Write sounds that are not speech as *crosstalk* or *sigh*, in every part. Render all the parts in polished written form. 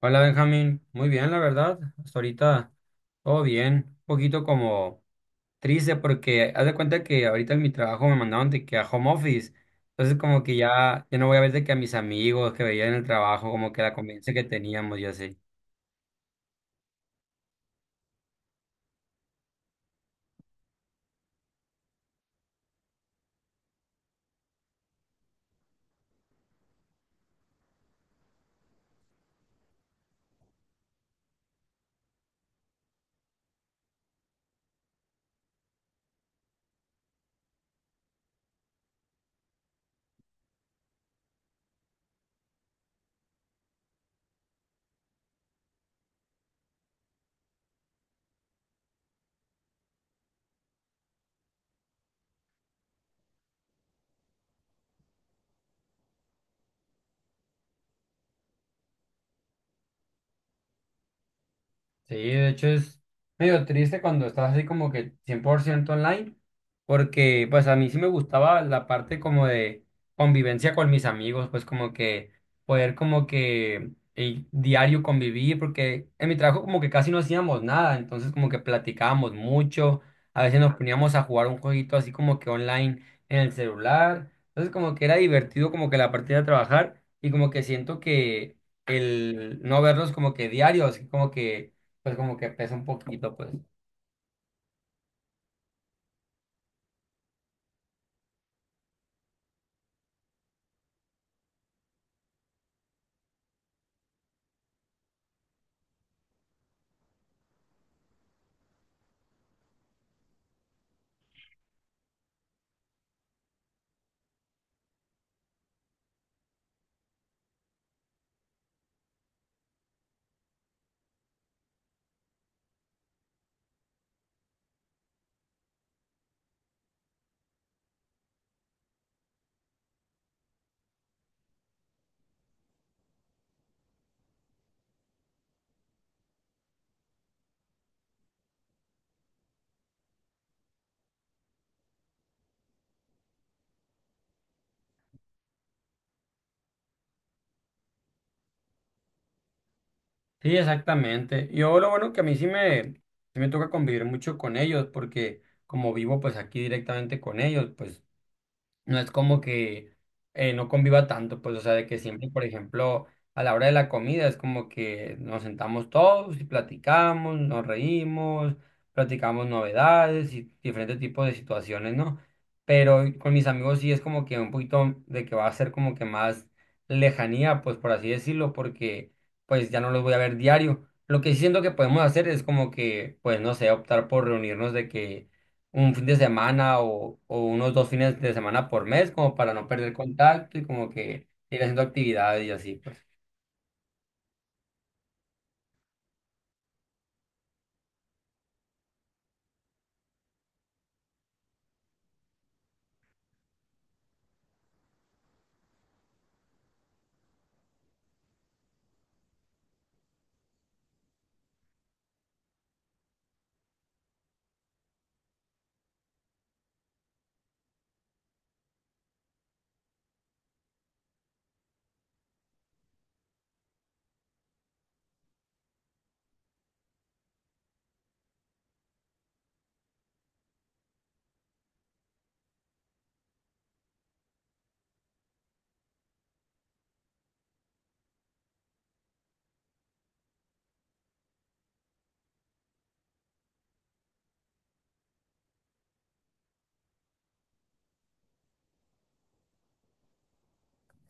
Hola Benjamín, muy bien la verdad, hasta ahorita todo bien, un poquito como triste porque haz de cuenta que ahorita en mi trabajo me mandaron de que a home office. Entonces como que ya no voy a ver de que a mis amigos que veía en el trabajo, como que la convivencia que teníamos y así. Sí, de hecho es medio triste cuando estás así como que 100% online, porque pues a mí sí me gustaba la parte como de convivencia con mis amigos, pues como que poder como que diario convivir, porque en mi trabajo como que casi no hacíamos nada, entonces como que platicábamos mucho. A veces nos poníamos a jugar un jueguito así como que online en el celular, entonces como que era divertido como que la parte de trabajar y como que siento que el no verlos como que diarios, como que pues como que pesa un poquito, pues. Sí, exactamente. Yo lo bueno que a sí me toca convivir mucho con ellos, porque como vivo pues aquí directamente con ellos, pues no es como que no conviva tanto, pues, o sea, de que siempre, por ejemplo, a la hora de la comida es como que nos sentamos todos y platicamos, nos reímos, platicamos novedades y diferentes tipos de situaciones, ¿no? Pero con mis amigos sí es como que un poquito de que va a ser como que más lejanía, pues, por así decirlo, porque pues ya no los voy a ver diario. Lo que sí siento que podemos hacer es como que, pues, no sé, optar por reunirnos de que un fin de semana o unos dos fines de semana por mes, como para no perder contacto y como que ir haciendo actividades y así, pues.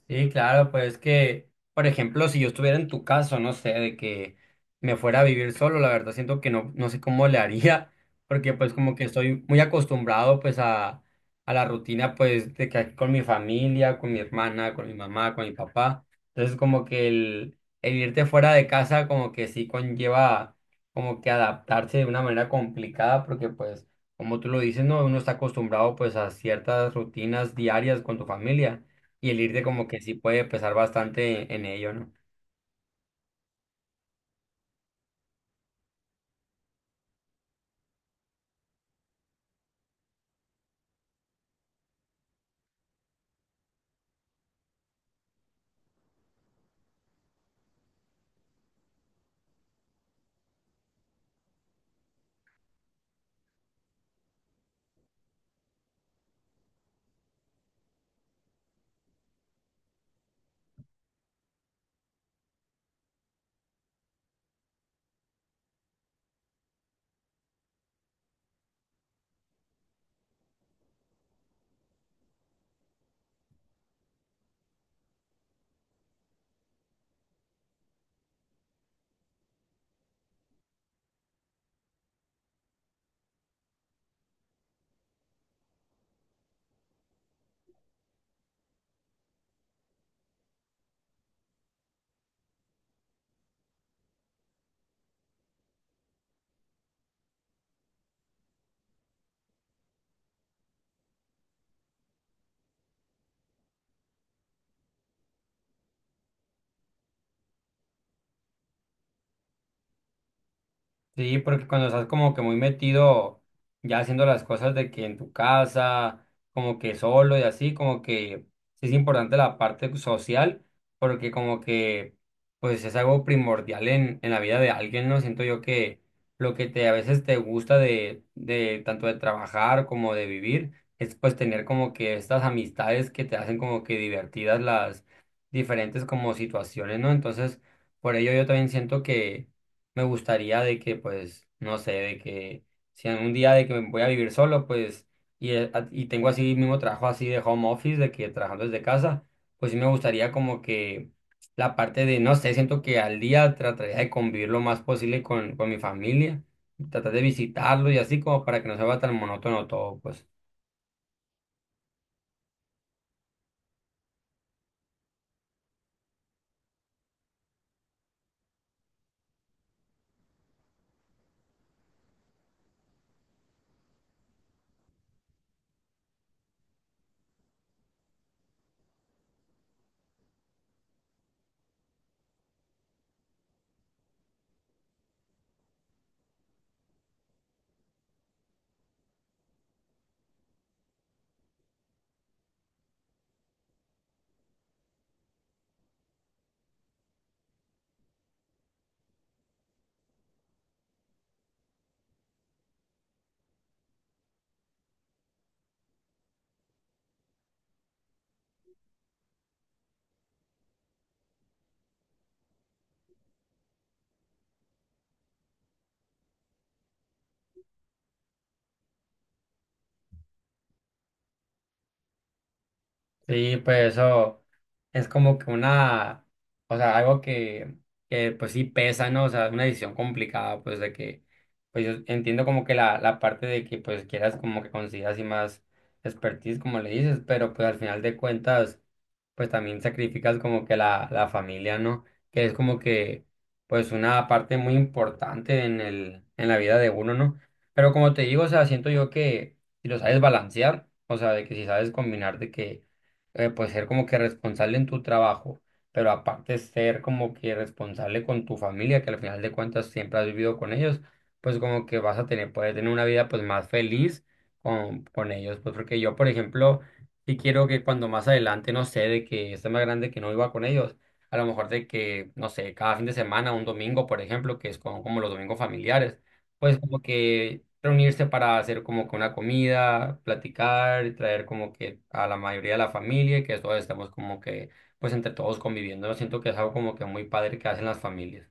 Sí, claro, pues que, por ejemplo, si yo estuviera en tu caso, no sé, de que me fuera a vivir solo, la verdad siento que no, no sé cómo le haría, *laughs* porque pues como que estoy muy acostumbrado pues a la rutina pues de que aquí con mi familia, con mi hermana, con mi mamá, con mi papá. Entonces como que el irte fuera de casa como que sí conlleva como que adaptarse de una manera complicada, porque pues como tú lo dices, no, uno está acostumbrado pues a ciertas rutinas diarias con tu familia. Y el irte como que sí puede pesar bastante en ello, ¿no? Sí, porque cuando estás como que muy metido ya haciendo las cosas de que en tu casa, como que solo y así, como que sí es importante la parte social, porque como que pues es algo primordial en la vida de alguien, ¿no? Siento yo que lo que te a veces te gusta de tanto de trabajar como de vivir, es pues tener como que estas amistades que te hacen como que divertidas las diferentes como situaciones, ¿no? Entonces, por ello yo también siento que me gustaría de que, pues, no sé, de que si algún día de que me voy a vivir solo, pues, y, a- y tengo así mismo trabajo así de home office, de que trabajando desde casa, pues sí me gustaría como que la parte de, no sé, siento que al día trataría de convivir lo más posible con mi familia, tratar de visitarlo y así como para que no se vea tan monótono todo, pues. Sí, pues eso es como que una, o sea, algo que pues sí pesa, ¿no? O sea, es una decisión complicada, pues de que, pues yo entiendo como que la parte de que pues quieras como que consigas y más expertise, como le dices, pero pues al final de cuentas pues también sacrificas como que la familia, ¿no? Que es como que, pues una parte muy importante en el, en la vida de uno, ¿no? Pero como te digo, o sea, siento yo que si lo sabes balancear, o sea, de que si sabes combinar de que, pues ser como que responsable en tu trabajo, pero aparte ser como que responsable con tu familia, que al final de cuentas siempre has vivido con ellos, pues como que vas a tener, puedes tener una vida pues más feliz con ellos, pues porque yo, por ejemplo, sí quiero que cuando más adelante, no sé, de que esté más grande que no iba con ellos, a lo mejor de que, no sé, cada fin de semana, un domingo, por ejemplo, que es como, como los domingos familiares, pues como que reunirse para hacer como que una comida, platicar, y traer como que a la mayoría de la familia y que todos estemos como que, pues entre todos conviviendo. Yo siento que es algo como que muy padre que hacen las familias.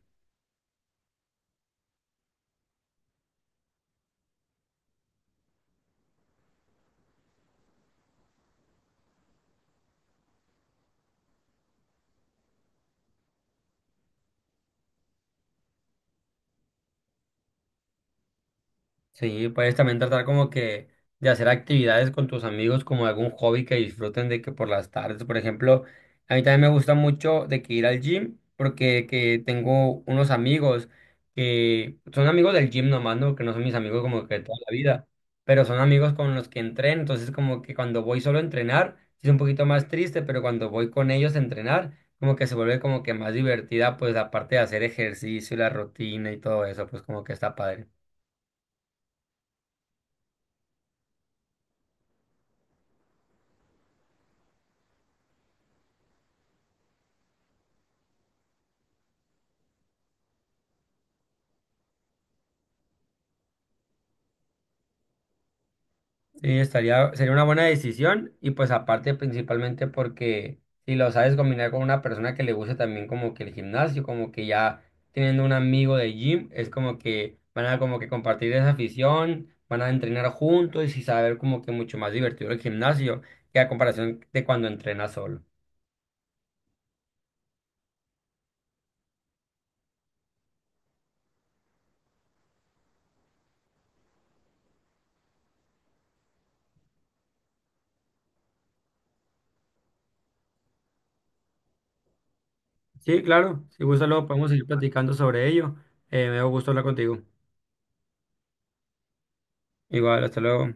Sí, puedes también tratar como que de hacer actividades con tus amigos, como algún hobby que disfruten de que por las tardes, por ejemplo, a mí también me gusta mucho de que ir al gym, porque que tengo unos amigos que son amigos del gym nomás, ¿no? Que no son mis amigos como que toda la vida, pero son amigos con los que entreno, entonces como que cuando voy solo a entrenar, sí es un poquito más triste, pero cuando voy con ellos a entrenar, como que se vuelve como que más divertida, pues aparte de hacer ejercicio, y la rutina y todo eso, pues como que está padre. Sí, estaría, sería una buena decisión y pues aparte principalmente porque si lo sabes combinar con una persona que le guste también como que el gimnasio, como que ya teniendo un amigo de gym, es como que van a como que compartir esa afición, van a entrenar juntos y saber como que mucho más divertido el gimnasio que a comparación de cuando entrenas solo. Sí, claro, si gusta luego podemos seguir platicando sobre ello. Me dio gusto hablar contigo. Igual, hasta luego.